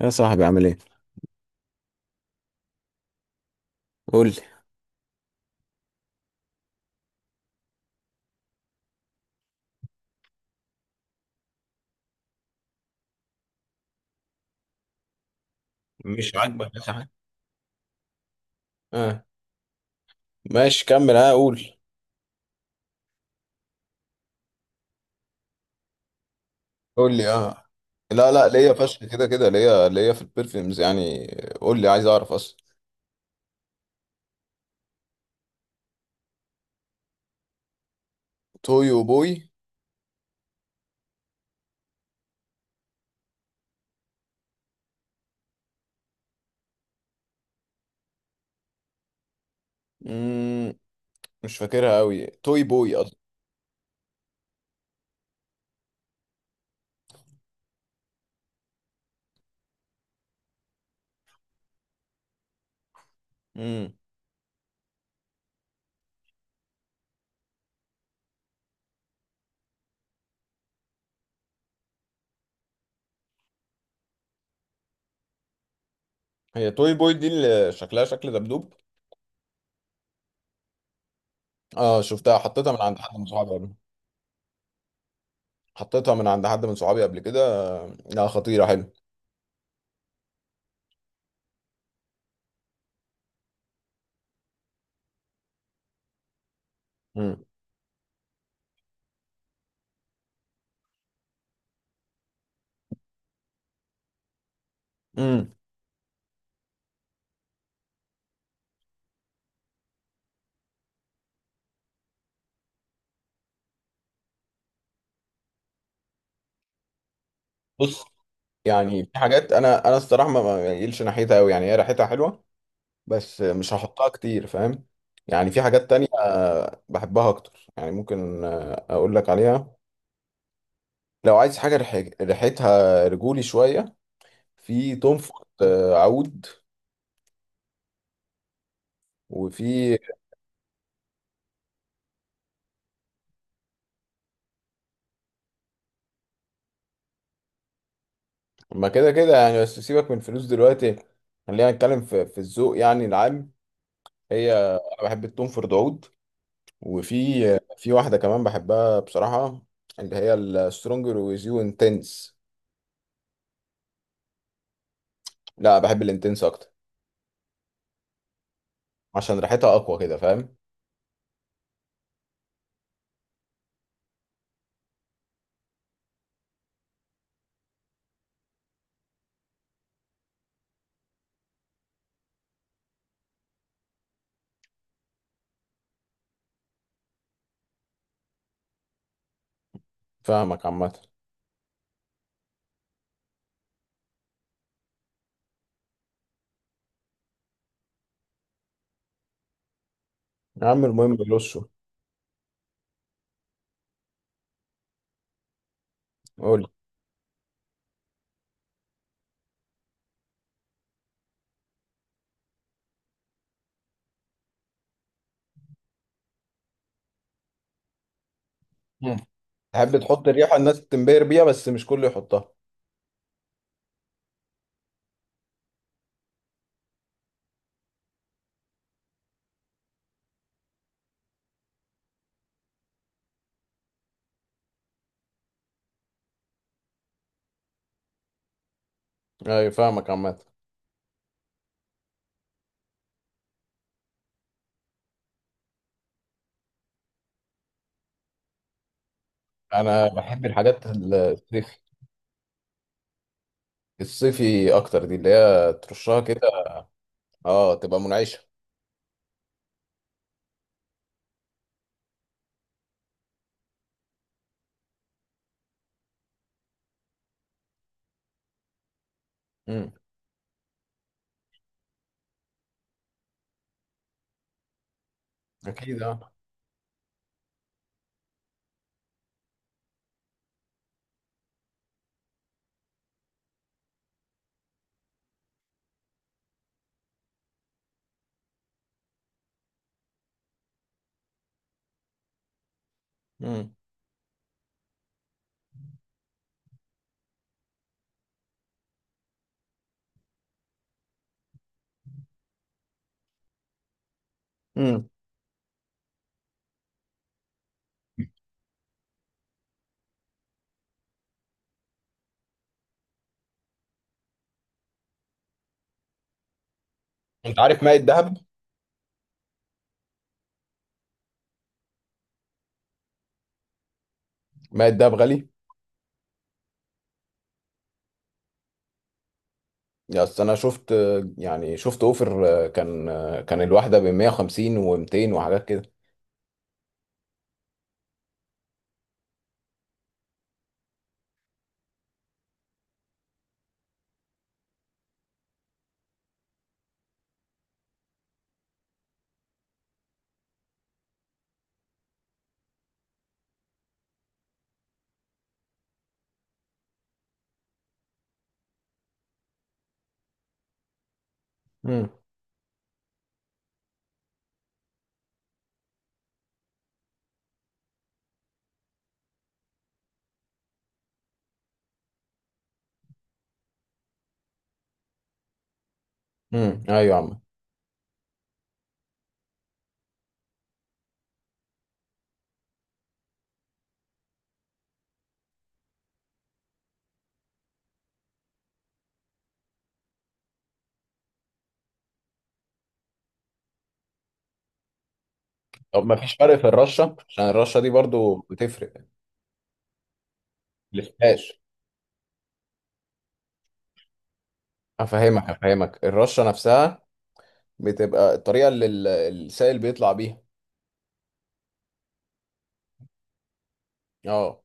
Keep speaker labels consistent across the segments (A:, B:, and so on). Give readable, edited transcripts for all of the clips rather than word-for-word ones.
A: يا صاحبي عامل ايه؟ قول لي. مش عاجبك يا صاحبي؟ اه. ماشي، كمل، اه، قول. قول لي، اه. لا لا ليا فشخ، كده كده ليا في البرفيومز يعني. قول لي، عايز اعرف اصلا. توي وبوي. مم. مش فاكرها قوي، توي بوي اصلا. امم. هي توي بوي دي اللي شكلها شكل دبدوب؟ اه، شفتها، حطيتها من عند حد من صحابي قبل. حطيتها من عند حد من صحابي قبل كده. لا، خطيرة، حلو. امم. امم. بص، يعني في حاجات انا الصراحه ما يقلش ناحيتها قوي، يعني هي ريحتها حلوه، بس مش هحطها كتير، فاهم؟ يعني في حاجات تانية بحبها اكتر، يعني ممكن اقول لك عليها. لو عايز حاجة ريحتها رجولي شوية، في توم فورد عود. وفي ما كده كده يعني، بس سيبك من الفلوس دلوقتي. خلينا نتكلم في الذوق يعني العام. هي، انا بحب التوم فورد عود. وفي في واحدة كمان بحبها بصراحة، اللي هي السترونجر ويز يو انتنس. لا، بحب الانتنس اكتر، عشان ريحتها اقوى كده، فاهم؟ فاهمك عامة. يا عم المهم رشه. قول لي. مم. تحب تحط الريحه الناس تنبهر بيها، بس مش كله يحطها. اي، فاهمك عامة. انا بحب الحاجات الصيفي، الصيفي اكتر، دي اللي هي ترشها كده. اه، تبقى منعشه. امم. اكيد اه. امم. امم. انت عارف ماء الدهب؟ ماء الدهب غالي. يا اصل انا شفت، يعني شفت اوفر، كان الواحده ب 150 و200 وحاجات كده. امم. امم. ايوه يا عم. طب ما فيش فرق في الرشه؟ عشان الرشه دي برضو بتفرق. الاسفاش. افهمك الرشه نفسها. بتبقى الطريقه اللي السائل بيطلع بيها. اه.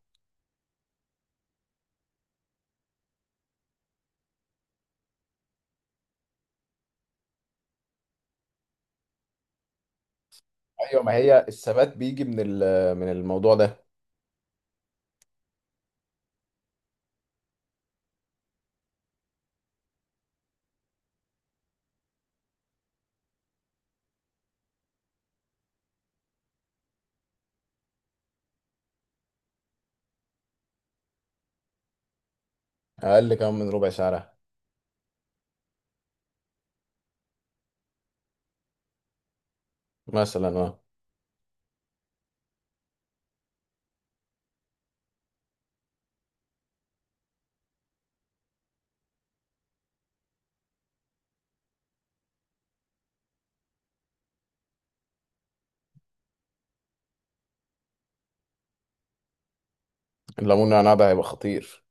A: ايوه، ما هي الثبات بيجي من الموضوع ده. اقل كمان من ربع سعرها، مثلا. اه. الليمون والنعناع ده هيبقى خطير.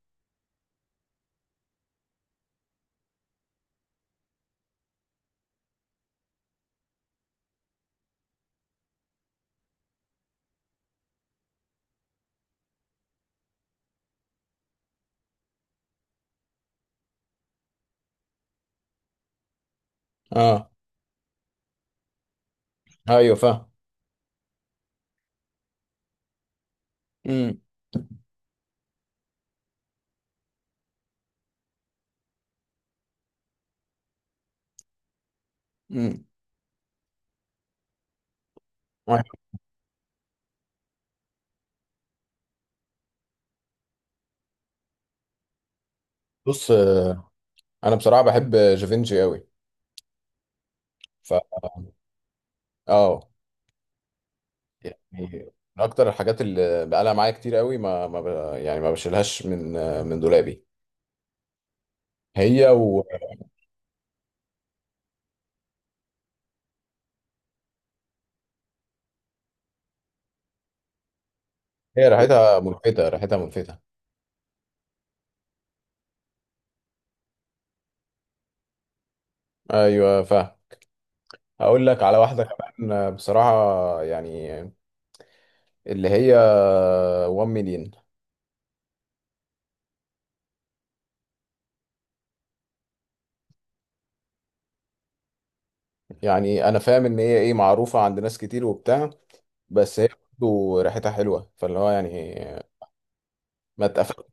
A: اه، ايوه فاهم. امم. امم. بص، انا بصراحه بحب جافينجي قوي. ف اه، يعني من اكتر الحاجات اللي بقالها معايا كتير قوي، ما ما ب... يعني ما بشيلهاش من دولابي. هي وهي، ريحتها ملفتة، ريحتها ملفتة. ايوه فاهم. هقول لك على واحده كمان بصراحه، يعني اللي هي 1 مليون. يعني انا فاهم ان هي ايه معروفه عند ناس كتير وبتاع، بس هي برضه ريحتها حلوه، فاللي هو يعني ما اتقفلش.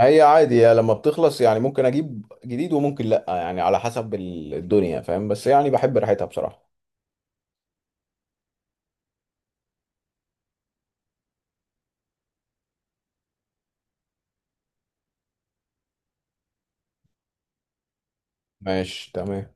A: هي عادي يا، لما بتخلص يعني ممكن اجيب جديد وممكن لا، يعني على حسب الدنيا، فاهم؟ بس يعني بحب ريحتها بصراحه. ماشي تمام.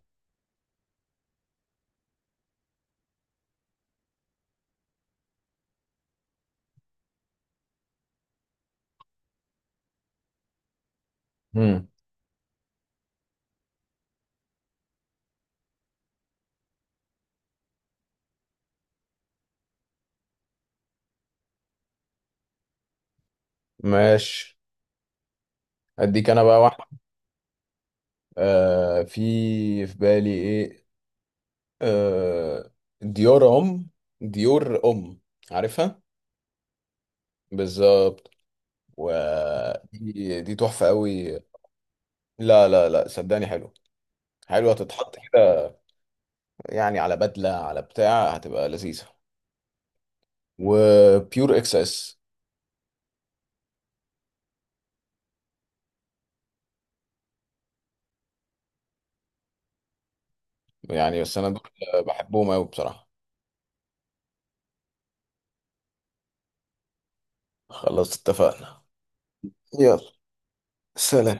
A: امم. ماشي. اديك انا بقى واحده. في بالي ايه. آه ديار ام ديور ام، عارفها؟ بالظبط. ودي تحفة قوي. لا لا لا، صدقني حلو، حلوة تتحط كده، يعني على بدلة على بتاع هتبقى لذيذة. وبيور اكس اس. يعني بس انا دول بحبهم قوي بصراحة. خلاص، اتفقنا. يلا. سلام.